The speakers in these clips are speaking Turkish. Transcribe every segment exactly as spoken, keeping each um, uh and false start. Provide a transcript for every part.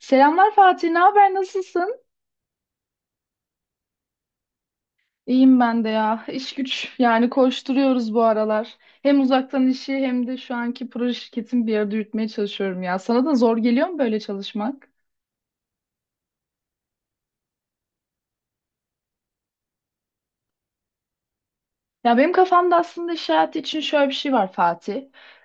Selamlar Fatih, ne haber, nasılsın? İyiyim ben de ya. İş güç yani koşturuyoruz bu aralar. Hem uzaktan işi hem de şu anki proje şirketimi bir arada yürütmeye çalışıyorum ya. Sana da zor geliyor mu böyle çalışmak? Ya benim kafamda aslında iş hayatı için şöyle bir şey var Fatih.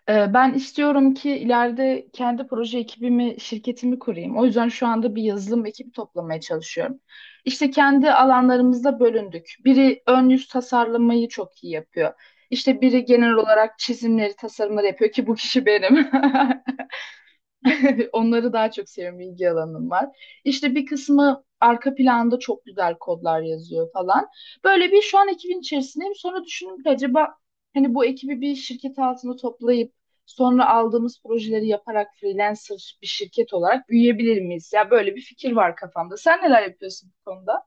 Ee, ben istiyorum ki ileride kendi proje ekibimi, şirketimi kurayım. O yüzden şu anda bir yazılım ekibi toplamaya çalışıyorum. İşte kendi alanlarımızda bölündük. Biri ön yüz tasarlamayı çok iyi yapıyor. İşte biri genel olarak çizimleri, tasarımları yapıyor ki bu kişi benim. Onları daha çok seviyorum. İlgi alanım var. İşte bir kısmı arka planda çok güzel kodlar yazıyor falan. Böyle bir şu an ekibin içerisindeyim. Sonra düşündüm ki acaba hani bu ekibi bir şirket altında toplayıp sonra aldığımız projeleri yaparak freelancer bir şirket olarak büyüyebilir miyiz? Ya böyle bir fikir var kafamda. Sen neler yapıyorsun bu konuda?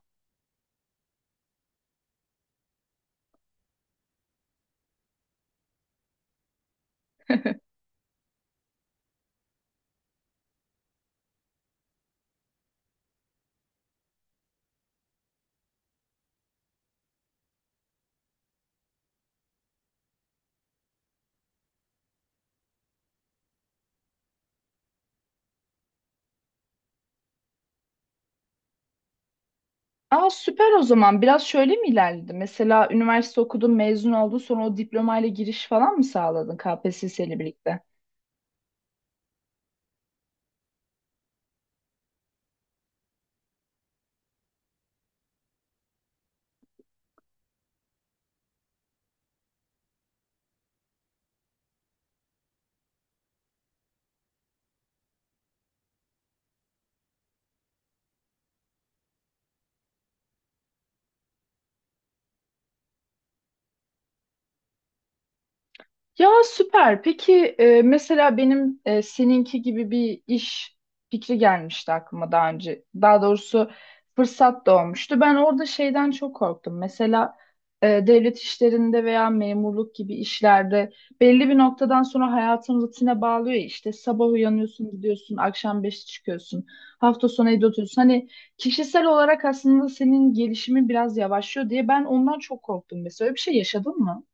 Aa, süper o zaman. Biraz şöyle mi ilerledi? Mesela üniversite okudun, mezun oldun, sonra o diplomayla giriş falan mı sağladın K P S S ile birlikte? Ya süper. Peki e, mesela benim e, seninki gibi bir iş fikri gelmişti aklıma daha önce. Daha doğrusu fırsat doğmuştu. Ben orada şeyden çok korktum. Mesela e, devlet işlerinde veya memurluk gibi işlerde belli bir noktadan sonra hayatın rutine bağlıyor ya. İşte sabah uyanıyorsun, gidiyorsun, akşam beşte çıkıyorsun, hafta sonu evde oturuyorsun. Hani kişisel olarak aslında senin gelişimin biraz yavaşlıyor diye ben ondan çok korktum. Mesela öyle bir şey yaşadın mı?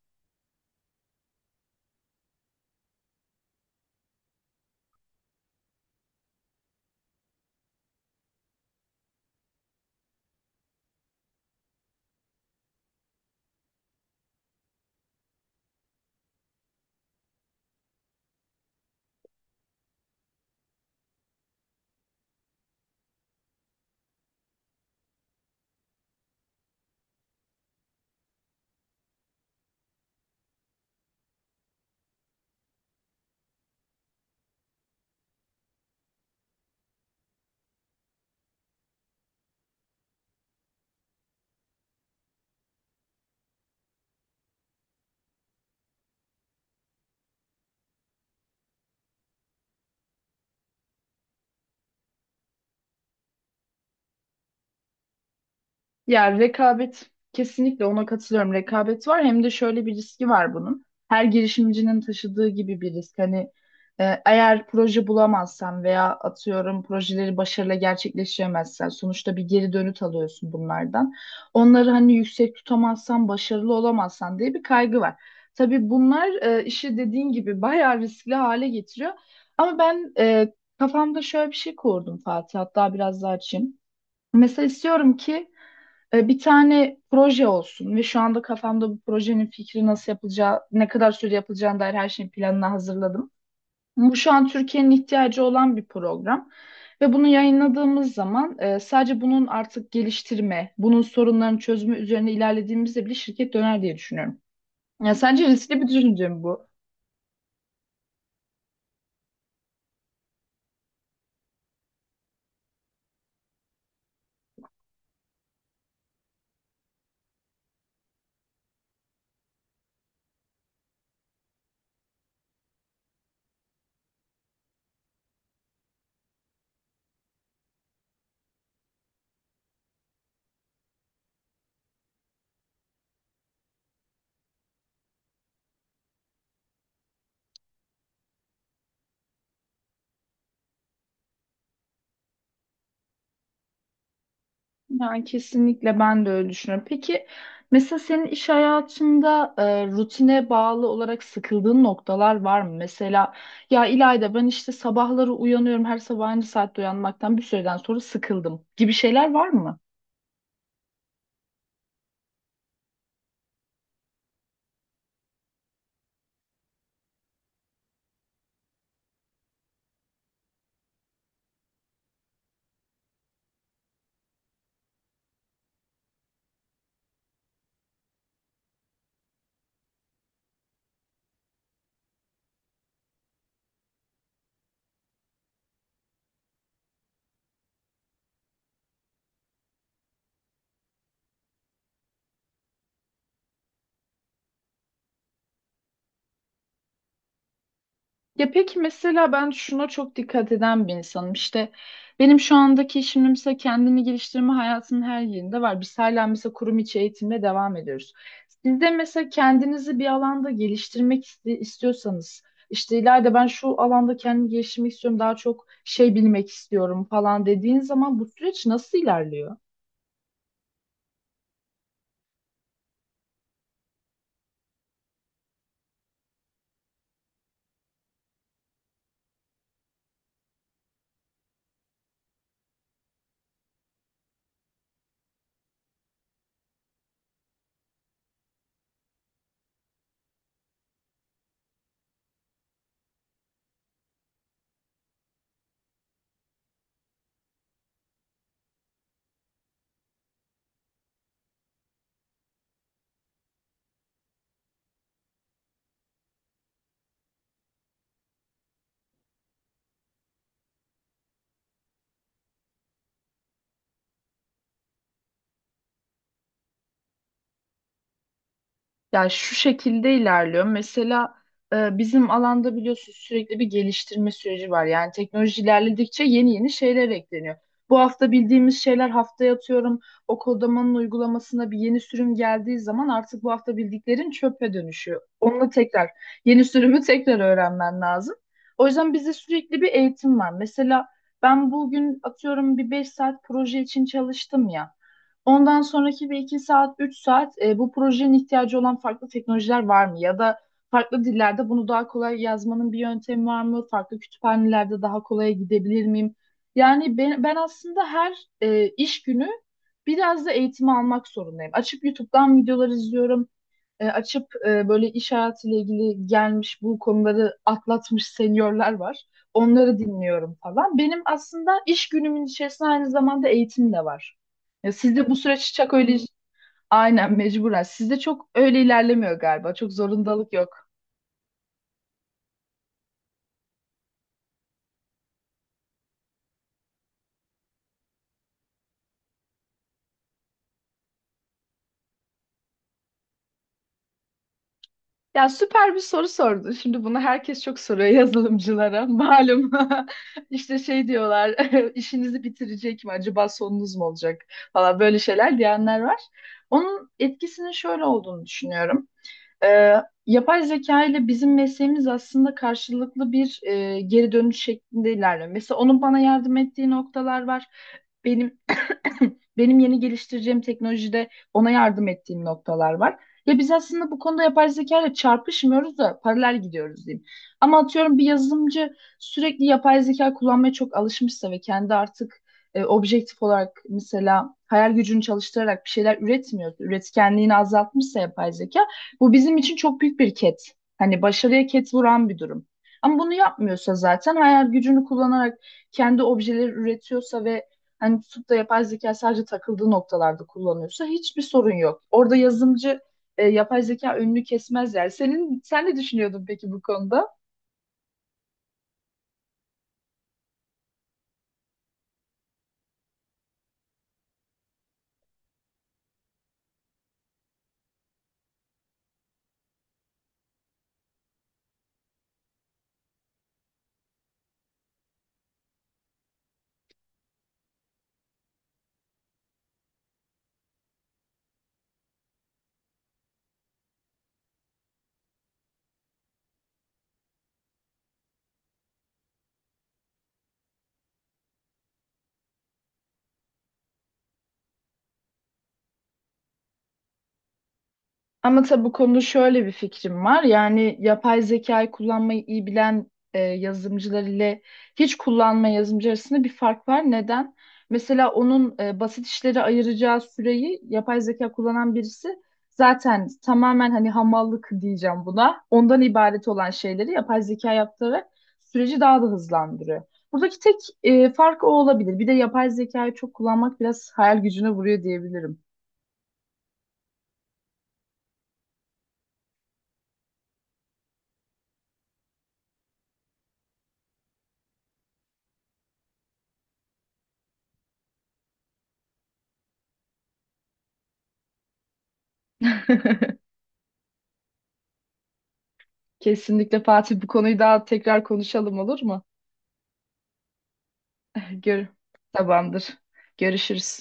Ya rekabet, kesinlikle ona katılıyorum. Rekabet var, hem de şöyle bir riski var bunun. Her girişimcinin taşıdığı gibi bir risk. Hani e, eğer proje bulamazsan veya atıyorum projeleri başarıyla gerçekleştiremezsen sonuçta bir geri dönüt alıyorsun bunlardan. Onları hani yüksek tutamazsan, başarılı olamazsan diye bir kaygı var. Tabii bunlar e, işi dediğin gibi bayağı riskli hale getiriyor. Ama ben e, kafamda şöyle bir şey kurdum Fatih, hatta biraz daha açayım. Mesela istiyorum ki e, bir tane proje olsun ve şu anda kafamda bu projenin fikri, nasıl yapılacağı, ne kadar süre yapılacağına dair her şeyin planını hazırladım. Bu şu an Türkiye'nin ihtiyacı olan bir program. Ve bunu yayınladığımız zaman e, sadece bunun artık geliştirme, bunun sorunların çözümü üzerine ilerlediğimizde bile şirket döner diye düşünüyorum. Ya sence riskli bir düşünce mi bu? Yani kesinlikle ben de öyle düşünüyorum. Peki mesela senin iş hayatında e, rutine bağlı olarak sıkıldığın noktalar var mı? Mesela ya İlayda, ben işte sabahları uyanıyorum, her sabah aynı saatte uyanmaktan bir süreden sonra sıkıldım gibi şeyler var mı? Ya peki, mesela ben şuna çok dikkat eden bir insanım. İşte benim şu andaki işim mesela, kendini geliştirme hayatımın her yerinde var. Biz hala mesela kurum içi eğitimle devam ediyoruz. Siz de mesela kendinizi bir alanda geliştirmek iste- istiyorsanız, işte ileride ben şu alanda kendimi geliştirmek istiyorum, daha çok şey bilmek istiyorum falan dediğin zaman bu süreç nasıl ilerliyor? Yani şu şekilde ilerliyor. Mesela e, bizim alanda biliyorsunuz sürekli bir geliştirme süreci var. Yani teknoloji ilerledikçe yeni yeni şeyler ekleniyor. Bu hafta bildiğimiz şeyler haftaya, atıyorum, o kodamanın uygulamasına bir yeni sürüm geldiği zaman artık bu hafta bildiklerin çöpe dönüşüyor. Onunla tekrar, yeni sürümü tekrar öğrenmen lazım. O yüzden bizde sürekli bir eğitim var. Mesela ben bugün atıyorum bir beş saat proje için çalıştım ya. Ondan sonraki bir iki saat, üç saat e, bu projenin ihtiyacı olan farklı teknolojiler var mı? Ya da farklı dillerde bunu daha kolay yazmanın bir yöntemi var mı? Farklı kütüphanelerde daha kolaya gidebilir miyim? Yani ben, ben aslında her e, iş günü biraz da eğitimi almak zorundayım. Açıp YouTube'dan videolar izliyorum, e, açıp, e, böyle iş hayatıyla ilgili gelmiş, bu konuları atlatmış seniorlar var. Onları dinliyorum falan. Benim aslında iş günümün içerisinde aynı zamanda eğitim de var. Ya sizde bu süreç çok öyle, aynen, mecburen. Sizde çok öyle ilerlemiyor galiba. Çok zorundalık yok. Ya süper bir soru sordun. Şimdi bunu herkes çok soruyor yazılımcılara. Malum. İşte şey diyorlar, işinizi bitirecek mi acaba, sonunuz mu olacak falan, böyle şeyler diyenler var. Onun etkisinin şöyle olduğunu düşünüyorum. Ee, yapay zeka ile bizim mesleğimiz aslında karşılıklı bir e, geri dönüş şeklinde ilerliyor. Mesela onun bana yardım ettiği noktalar var. Benim, benim yeni geliştireceğim teknolojide ona yardım ettiğim noktalar var. Ya biz aslında bu konuda yapay zeka ile çarpışmıyoruz da paralel gidiyoruz diyeyim. Ama atıyorum bir yazılımcı sürekli yapay zeka kullanmaya çok alışmışsa ve kendi artık e, objektif olarak, mesela hayal gücünü çalıştırarak bir şeyler üretmiyor, üretkenliğini azaltmışsa, yapay zeka bu bizim için çok büyük bir ket. Hani başarıya ket vuran bir durum. Ama bunu yapmıyorsa, zaten hayal gücünü kullanarak kendi objeleri üretiyorsa ve hani tutup da yapay zeka sadece takıldığı noktalarda kullanıyorsa, hiçbir sorun yok. Orada yazımcı, e, yapay zeka önünü kesmez yani. Senin, sen ne düşünüyordun peki bu konuda? Ama tabii bu konuda şöyle bir fikrim var. Yani yapay zekayı kullanmayı iyi bilen e, yazılımcılar ile hiç kullanmayan yazılımcı arasında bir fark var. Neden? Mesela onun e, basit işleri ayıracağı süreyi yapay zeka kullanan birisi zaten tamamen, hani hamallık diyeceğim buna, ondan ibaret olan şeyleri yapay zeka yaptırarak süreci daha da hızlandırıyor. Buradaki tek e, fark o olabilir. Bir de yapay zekayı çok kullanmak biraz hayal gücüne vuruyor diyebilirim. Kesinlikle Fatih, bu konuyu daha tekrar konuşalım olur mu? Gör Tamamdır. Görüşürüz.